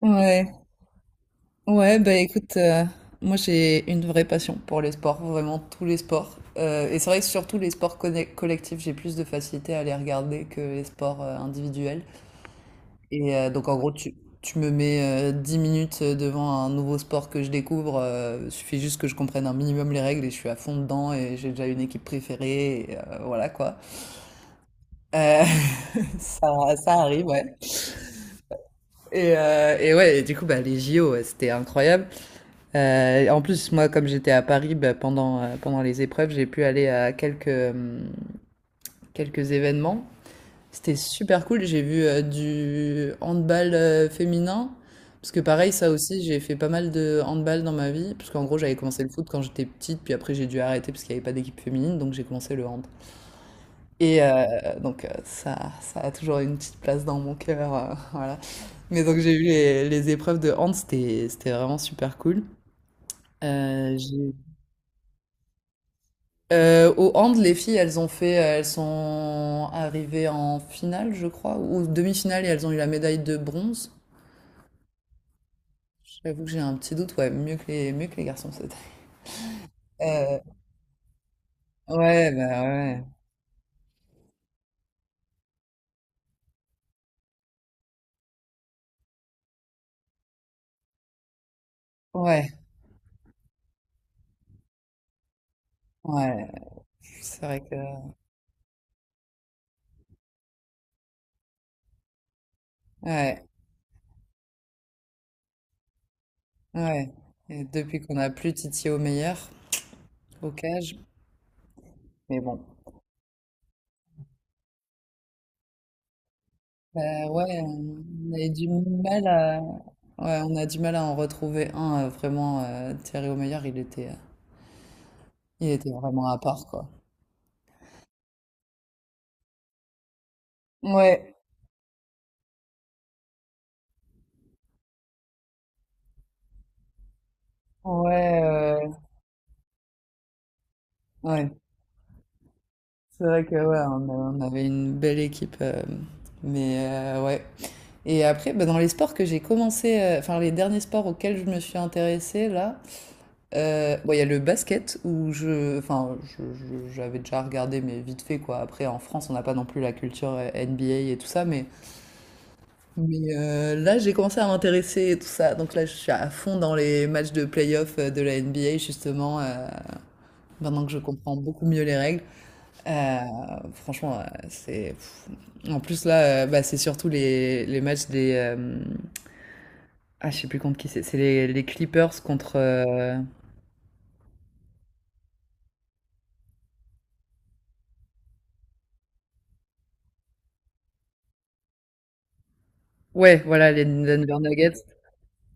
Ouais, ouais, bah écoute, moi j'ai une vraie passion pour les sports, vraiment tous les sports. Et c'est vrai que surtout les sports collectifs, j'ai plus de facilité à les regarder que les sports individuels. Donc en gros, tu me mets 10 minutes devant un nouveau sport que je découvre. Suffit juste que je comprenne un minimum les règles et je suis à fond dedans et j'ai déjà une équipe préférée, et voilà quoi. Euh, ça, ça arrive, ouais. Et ouais, et du coup, bah, les JO, ouais, c'était incroyable. En plus, moi, comme j'étais à Paris, bah, pendant, pendant les épreuves, j'ai pu aller à quelques événements. C'était super cool. J'ai vu du handball féminin. Parce que pareil, ça aussi, j'ai fait pas mal de handball dans ma vie. Parce qu'en gros, j'avais commencé le foot quand j'étais petite, puis après, j'ai dû arrêter parce qu'il n'y avait pas d'équipe féminine, donc j'ai commencé le hand. Et euh, donc, ça, ça a toujours une petite place dans mon cœur, voilà. Mais donc, j'ai vu les épreuves de hand, c'était vraiment super cool. J'ai Au hand, les filles, elles sont arrivées en finale, je crois, ou demi-finale, et elles ont eu la médaille de bronze. J'avoue que j'ai un petit doute, ouais, mieux que les garçons, c'était. Euh, ouais, bah ouais, ouais, ouais. C'est vrai que, ouais, ouais. Et depuis qu'on a plus Titi au meilleur, au cage, mais bon. Bah ouais, on a eu du mal à, ouais, on a du mal à en retrouver un vraiment. Thierry O'Meyer, il était vraiment à part, quoi. Ouais, ouais, ouais, ouais. C'est vrai que ouais, on avait une belle équipe, mais ouais. Et après, bah, dans les sports que j'ai commencé, enfin les derniers sports auxquels je me suis intéressée là, bon, il y a le basket où je, enfin, je- j'avais déjà regardé, mais vite fait quoi. Après, en France, on n'a pas non plus la culture NBA et tout ça, mais là, j'ai commencé à m'intéresser et tout ça. Donc là, je suis à fond dans les matchs de playoff de la NBA justement, maintenant que je comprends beaucoup mieux les règles. Euh, Franchement, c'est. Pff. En plus, là, bah, c'est surtout les matchs des. Ah, je sais plus contre qui c'est. C'est les Clippers contre. Ouais, voilà, les Denver Nuggets.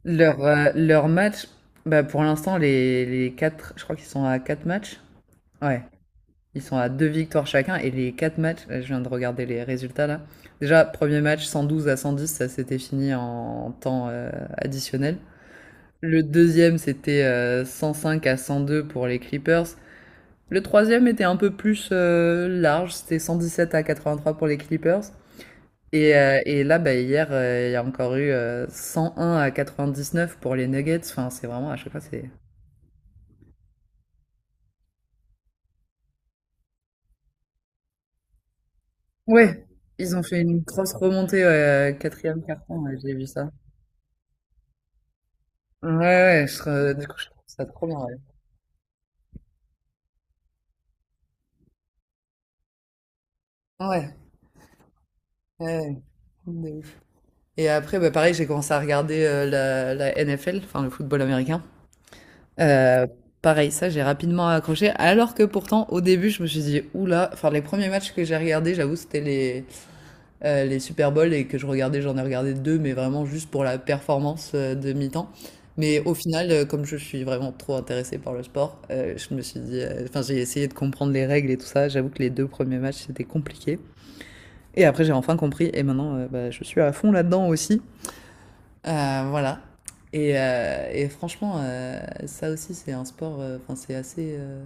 Leur match, bah, pour l'instant, les quatre. Je crois qu'ils sont à quatre matchs. Ouais. Ils sont à deux victoires chacun. Et les quatre matchs, là, je viens de regarder les résultats là. Déjà, premier match 112-110. Ça s'était fini en temps additionnel. Le deuxième, c'était 105-102 pour les Clippers. Le troisième était un peu plus large, c'était 117-83 pour les Clippers. Et là, bah, hier, il y a encore eu 101-99 pour les Nuggets. Enfin, c'est vraiment, à chaque fois, c'est. Ouais, ils ont fait une grosse remontée, ouais, quatrième carton, ouais, j'ai vu ça. Ouais, ouais, du coup, je trouve ça trop bien, ouais. Ouais, ouais, ouais, de ouf. Et après, bah, pareil, j'ai commencé à regarder la NFL, enfin le football américain. Euh, Pareil, ça, j'ai rapidement accroché. Alors que pourtant, au début, je me suis dit, oula, enfin, les premiers matchs que j'ai regardés, j'avoue, c'était les Super Bowl et que je regardais, j'en ai regardé deux, mais vraiment juste pour la performance de mi-temps. Mais au final, comme je suis vraiment trop intéressée par le sport, je me suis dit, enfin, j'ai essayé de comprendre les règles et tout ça. J'avoue que les deux premiers matchs, c'était compliqué. Et après, j'ai enfin compris, et maintenant, bah, je suis à fond là-dedans aussi. Voilà. Et franchement, ça aussi, c'est un sport. Enfin, c'est assez.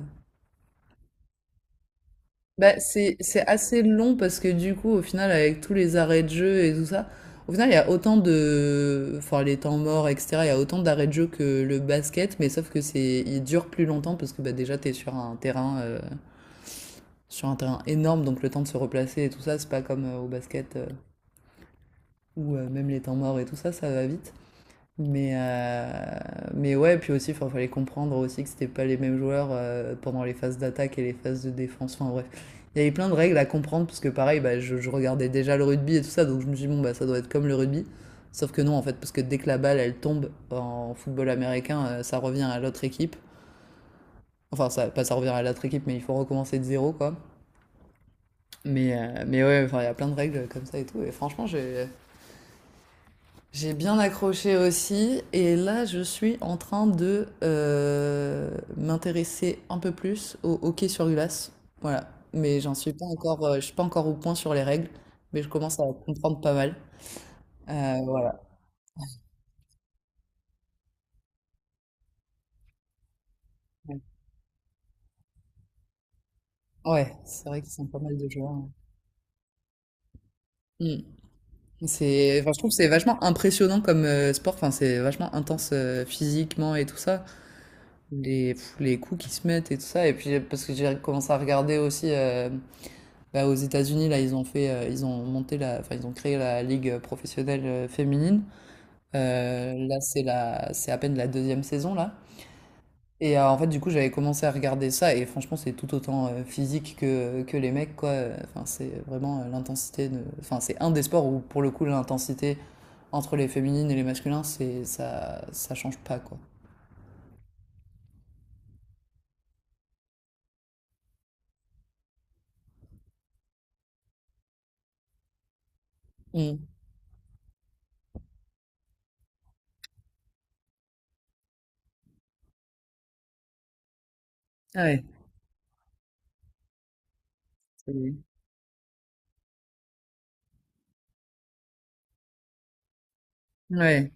Bah, c'est assez long parce que du coup, au final, avec tous les arrêts de jeu et tout ça, au final, il y a autant de, enfin, les temps morts, etc. Il y a autant d'arrêts de jeu que le basket, mais sauf que c'est, il dure plus longtemps parce que bah, déjà, t'es sur un terrain énorme, donc le temps de se replacer et tout ça, c'est pas comme au basket où même les temps morts et tout ça, ça va vite. Mais, euh, mais ouais, puis aussi, il fallait comprendre aussi que c'était pas les mêmes joueurs pendant les phases d'attaque et les phases de défense. Enfin bref, il y avait plein de règles à comprendre parce que pareil, bah, je regardais déjà le rugby et tout ça, donc je me suis dit, bon, bah, ça doit être comme le rugby. Sauf que non, en fait, parce que dès que la balle, elle tombe en football américain, ça revient à l'autre équipe. Enfin, ça, pas ça revient à l'autre équipe, mais il faut recommencer de zéro, quoi. Mais ouais, enfin, il y a plein de règles comme ça et tout. Et franchement, j'ai bien accroché aussi, et là je suis en train de m'intéresser un peu plus au hockey sur glace. Voilà, mais j'en suis pas encore, je suis pas encore au point sur les règles, mais je commence à comprendre pas mal. Voilà. Ouais, c'est vrai qu'ils sont pas mal de joueurs, hein. Mm. C'est, enfin, je trouve que c'est vachement impressionnant comme sport. Enfin, c'est vachement intense physiquement et tout ça. Les coups qui se mettent et tout ça. Et puis parce que j'ai commencé à regarder aussi. Bah, aux États-Unis, là, ils ont monté ils ont créé la ligue professionnelle féminine. Là, c'est c'est à peine la deuxième saison là. En fait, du coup, j'avais commencé à regarder ça et franchement, c'est tout autant physique que les mecs, quoi. Enfin, c'est vraiment l'intensité de, enfin, c'est un des sports où pour le coup, l'intensité entre les féminines et les masculins, c'est ça, ça change pas, quoi. Mm. Ah ouais. c'est- Ouais.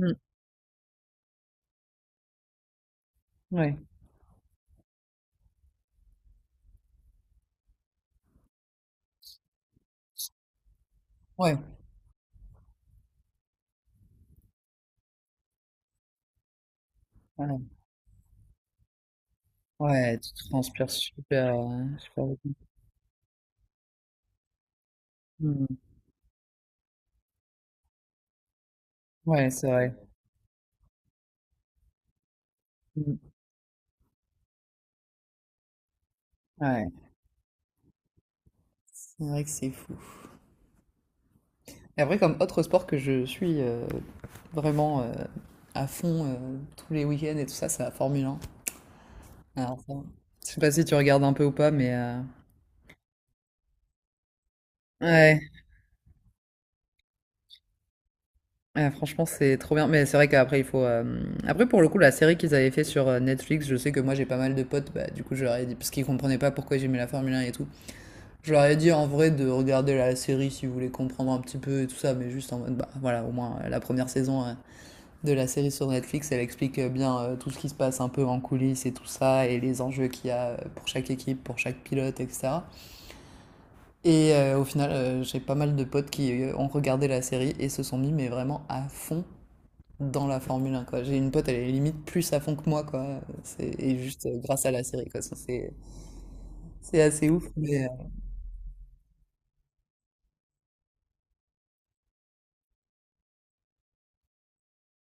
Mm. Ouais. Ouais. Ouais. Ouais, tu transpires super, super. Ouais, c'est vrai. Mm. Ouais, c'est vrai que c'est fou. Et après, comme autre sport que je suis vraiment à fond tous les week-ends et tout ça, c'est la Formule 1. Alors, ça, je sais pas si tu regardes un peu ou pas, mais ouais, ouais, franchement, c'est trop bien. Mais c'est vrai qu'après, il faut. Après, pour le coup, la série qu'ils avaient fait sur Netflix, je sais que moi, j'ai pas mal de potes, bah, du coup, je leur ai dit, parce qu'ils comprenaient pas pourquoi j'aimais la Formule 1 et tout. Je leur ai dit en vrai de regarder la série si vous voulez comprendre un petit peu et tout ça, mais juste en mode, bah voilà, au moins la première saison. De la série sur Netflix. Elle explique bien tout ce qui se passe un peu en coulisses et tout ça, et les enjeux qu'il y a pour chaque équipe, pour chaque pilote, etc. Au final, j'ai pas mal de potes qui ont regardé la série et se sont mis mais vraiment à fond dans la Formule 1, quoi. J'ai une pote, elle est limite plus à fond que moi, quoi. C'est, et juste grâce à la série, quoi. Ça, c'est assez ouf, mais.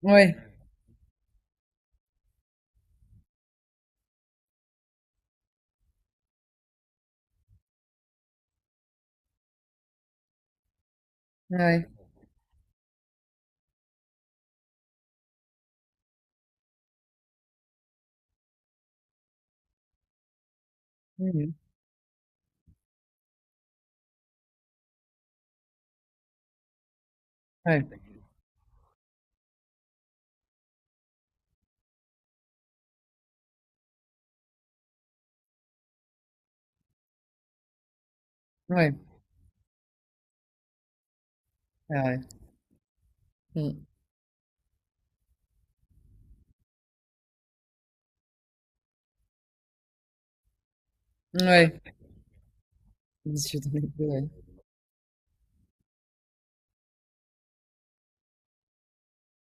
Ouais, ouais, ouais, ouais, ouais, ouais, ouais, ouais, ouais, ouais, ouais,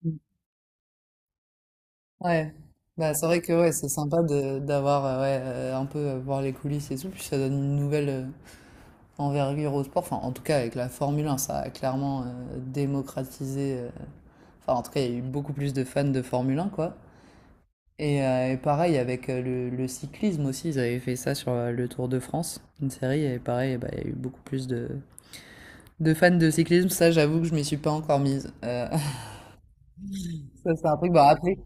ouais, ouais, bah, c'est vrai que ouais, c'est sympa de d'avoir ouais, un peu voir les coulisses et tout, puis ça donne une nouvelle envergure au sport. Enfin, en tout cas, avec la Formule 1 ça a clairement démocratisé. Enfin, en tout cas, il y a eu beaucoup plus de fans de Formule 1 quoi. Et pareil avec le cyclisme aussi, ils avaient fait ça sur le Tour de France, une série, et pareil, bah, il y a eu beaucoup plus de fans de cyclisme. Ça, j'avoue que je m'y suis pas encore mise. Ça, c'est un truc, bah, après.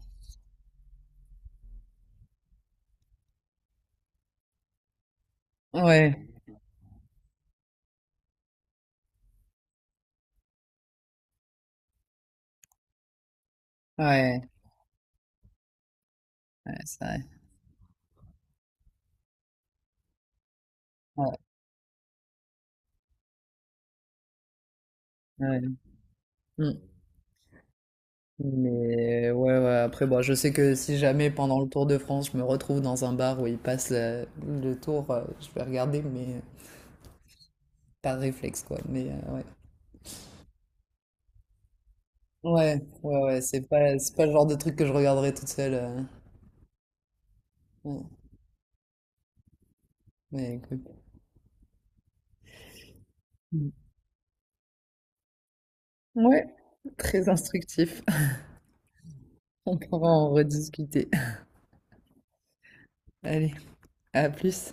Ouais, ouais, ouais, c'est vrai. Ouais, ouais. Mm. Mais ouais, ouais, après, bon, je sais que si jamais pendant le Tour de France, je me retrouve dans un bar où il passe le tour, je vais regarder, mais par réflexe, quoi. Mais ouais. Ouais, ouais, ouais, c'est pas le genre de truc que je regarderai toute seule, ouais. Mais écoute. Mm. Ouais, très instructif. On pourra en rediscuter. Allez, à plus.